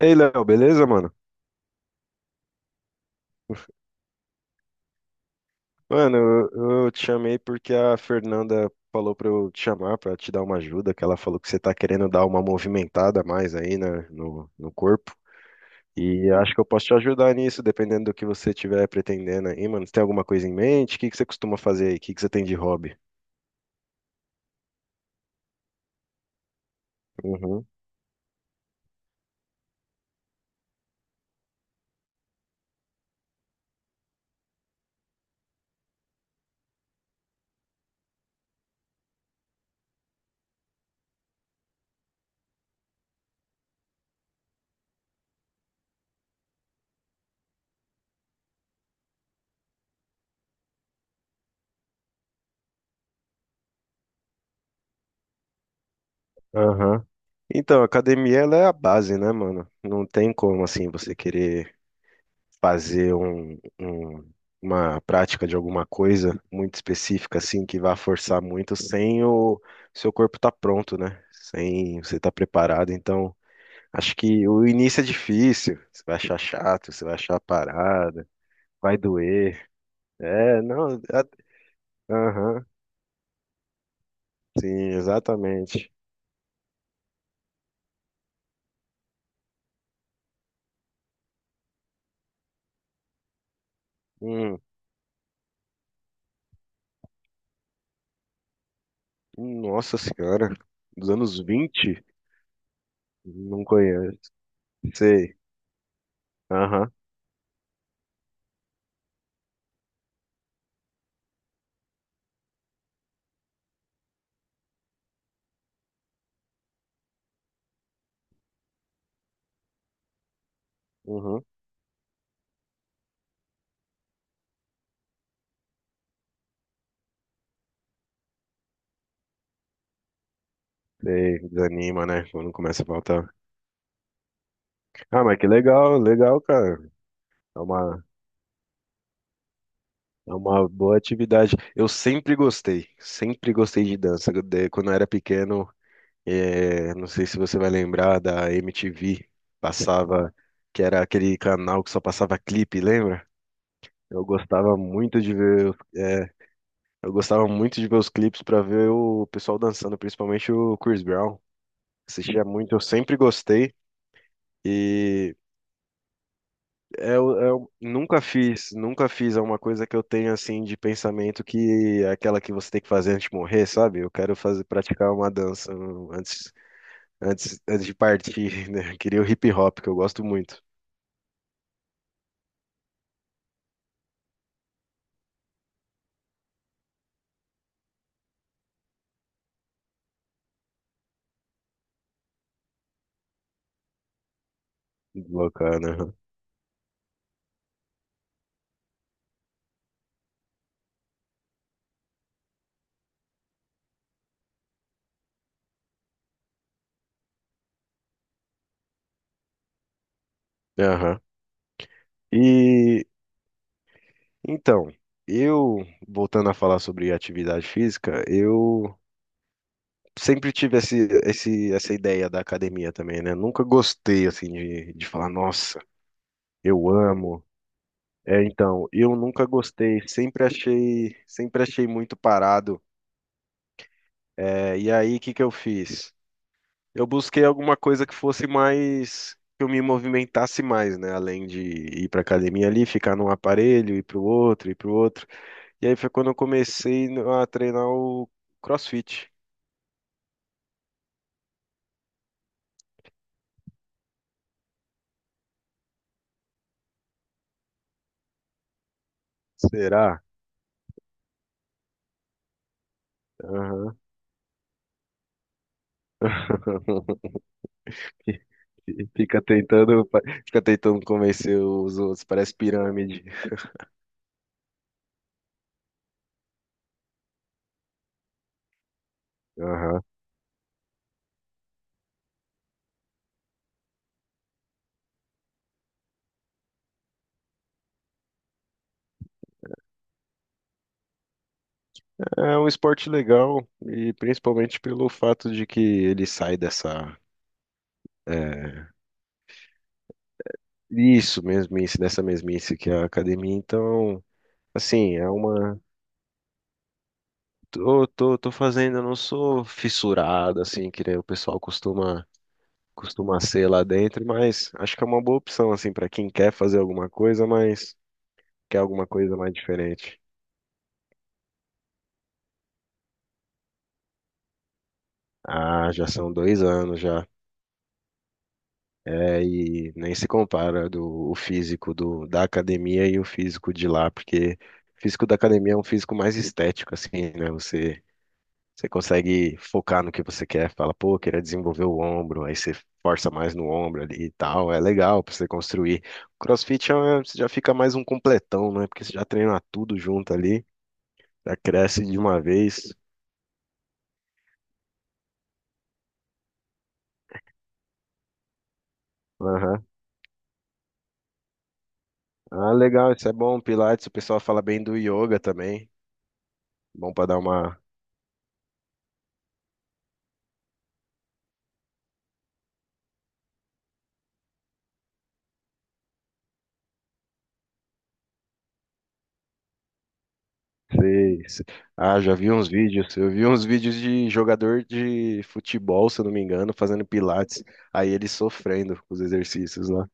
Ei, Léo, beleza, mano? Mano, eu te chamei porque a Fernanda falou pra eu te chamar, pra te dar uma ajuda, que ela falou que você tá querendo dar uma movimentada a mais aí, né, no corpo. E acho que eu posso te ajudar nisso, dependendo do que você estiver pretendendo aí, mano. Você tem alguma coisa em mente? O que que você costuma fazer aí? O que que você tem de hobby? Uhum. Aham. Então, a academia, ela é a base, né, mano? Não tem como, assim, você querer fazer um, um- uma prática de alguma coisa muito específica, assim, que vá forçar muito sem o seu corpo estar pronto, né? Sem você estar preparado. Então, acho que o início é difícil. Você vai achar chato, você vai achar parada, vai doer. É, não. a- Aham, sim, exatamente. Hum, nossa senhora, dos anos 20. Não conheço. Sei. Aham, uhum, sei. Desanima, né? Quando começa a faltar. Ah, mas que legal, legal, cara. É uma, é uma boa atividade. Eu sempre gostei de dança. Quando eu era pequeno, não sei se você vai lembrar da MTV, passava, que era aquele canal que só passava clipe, lembra? Eu gostava muito de ver, os- eh, eu gostava muito de ver os clipes para ver o pessoal dançando, principalmente o Chris Brown. Assistia muito, eu sempre gostei. E eu nunca fiz, nunca fiz é uma coisa que eu tenho assim de pensamento que é aquela que você tem que fazer antes de morrer, sabe? Eu quero fazer praticar uma dança um, antes, antes, antes de partir, né? Queria o hip hop, que eu gosto muito. Bacana. Aham. Aham. E então, eu voltando a falar sobre atividade física, eu sempre tive essa ideia da academia também, né? Nunca gostei assim de falar, nossa, eu amo. É, então, eu nunca gostei, sempre achei muito parado. É, e aí, o que que eu fiz? Eu busquei alguma coisa que fosse mais, que eu me movimentasse mais, né? Além de ir para academia ali, ficar num aparelho, ir para o outro, ir para o outro. E aí foi quando eu comecei no- a treinar o CrossFit. Será? Aham. Fica tentando, fica tentando convencer os outros, parece pirâmide. Aham. É um esporte legal e principalmente pelo fato de que ele sai dessa é, isso mesmice, dessa mesmice que é a academia. Então, assim, é uma tô fazendo, eu não sou fissurado assim, que nem o pessoal costuma ser lá dentro, mas acho que é uma boa opção assim para quem quer fazer alguma coisa, mas quer alguma coisa mais diferente. Ah, já são 2 anos já. É, e nem se compara do, o físico do, da academia e o físico de lá, porque o físico da academia é um físico mais estético, assim, né? Você, você consegue focar no que você quer, fala, pô, queria desenvolver o ombro, aí você força mais no ombro ali e tal, é legal pra você construir. O CrossFit é, uma- você já fica mais um completão, né? Porque você já treina tudo junto ali, já cresce de uma vez. Aham. Ah, legal, isso é bom. Pilates, o pessoal fala bem do yoga também, bom pra dar uma. Sei, sei. Ah, já vi uns vídeos. Eu vi uns vídeos de jogador de futebol, se eu não me engano, fazendo pilates. Aí ele sofrendo com os exercícios lá.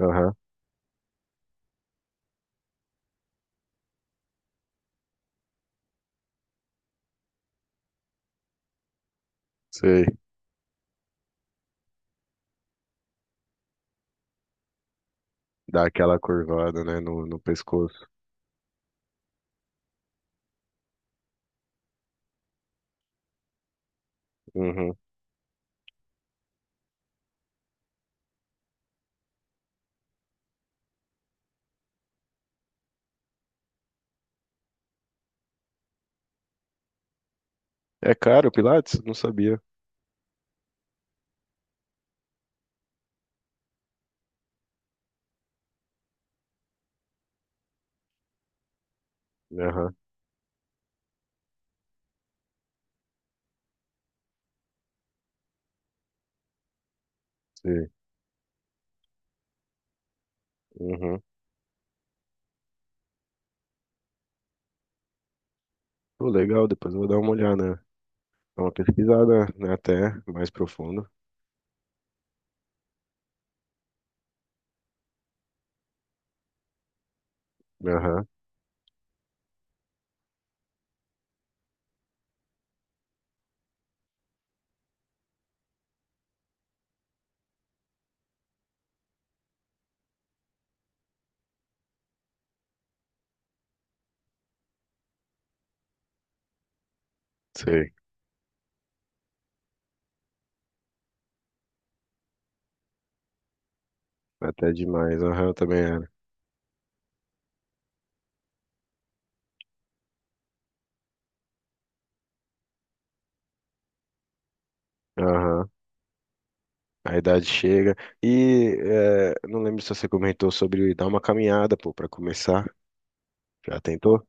Aham, sei. Dá aquela curvada, né, no, no pescoço. Uhum. É caro o pilates? Não sabia. Aham, sei. Uhum. Pô, legal, depois eu vou dar uma olhada. Dá uma pesquisada, né, até mais profundo. Aham, sei. Até demais. Aham, eu também era. Aham. A idade chega. E é, não lembro se você comentou sobre dar uma caminhada, pô, para começar. Já tentou?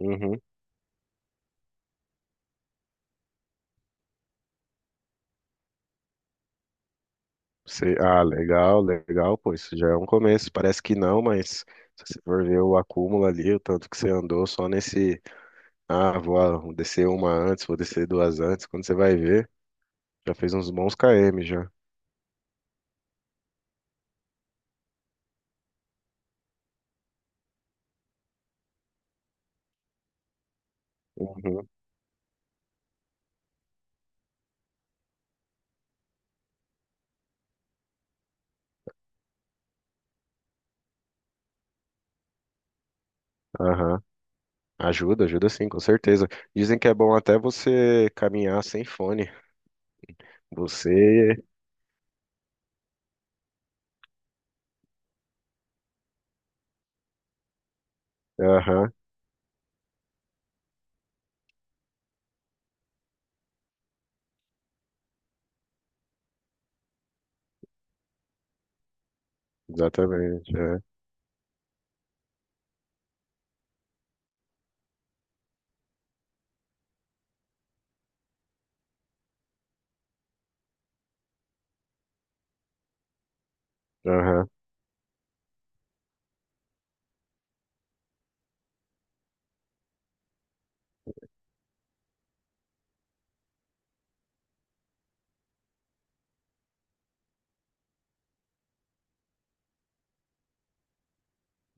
Uhum. Você- ah, legal, legal, pô, isso já é um começo. Parece que não, mas se você for ver o acúmulo ali, o tanto que você andou só nesse. Ah, vou descer uma antes, vou descer duas antes. Quando você vai ver, já fez uns bons km já. Uhum. Aham. Ajuda, ajuda sim, com certeza. Dizem que é bom até você caminhar sem fone. Você. Aham, exatamente. É. Aham.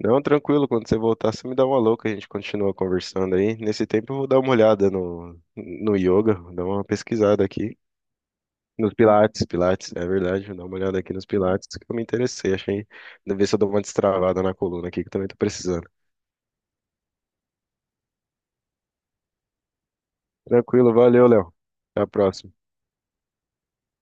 Não, tranquilo, quando você voltar, você me dá uma louca, a gente continua conversando aí. Nesse tempo eu vou dar uma olhada no yoga, vou dar uma pesquisada aqui. Pilates, é verdade, vou dar uma olhada aqui nos Pilates, que eu me interessei, achei. Deve ver se eu dou uma destravada na coluna aqui, que eu também tô precisando. Tranquilo, valeu, Léo. Até a próxima.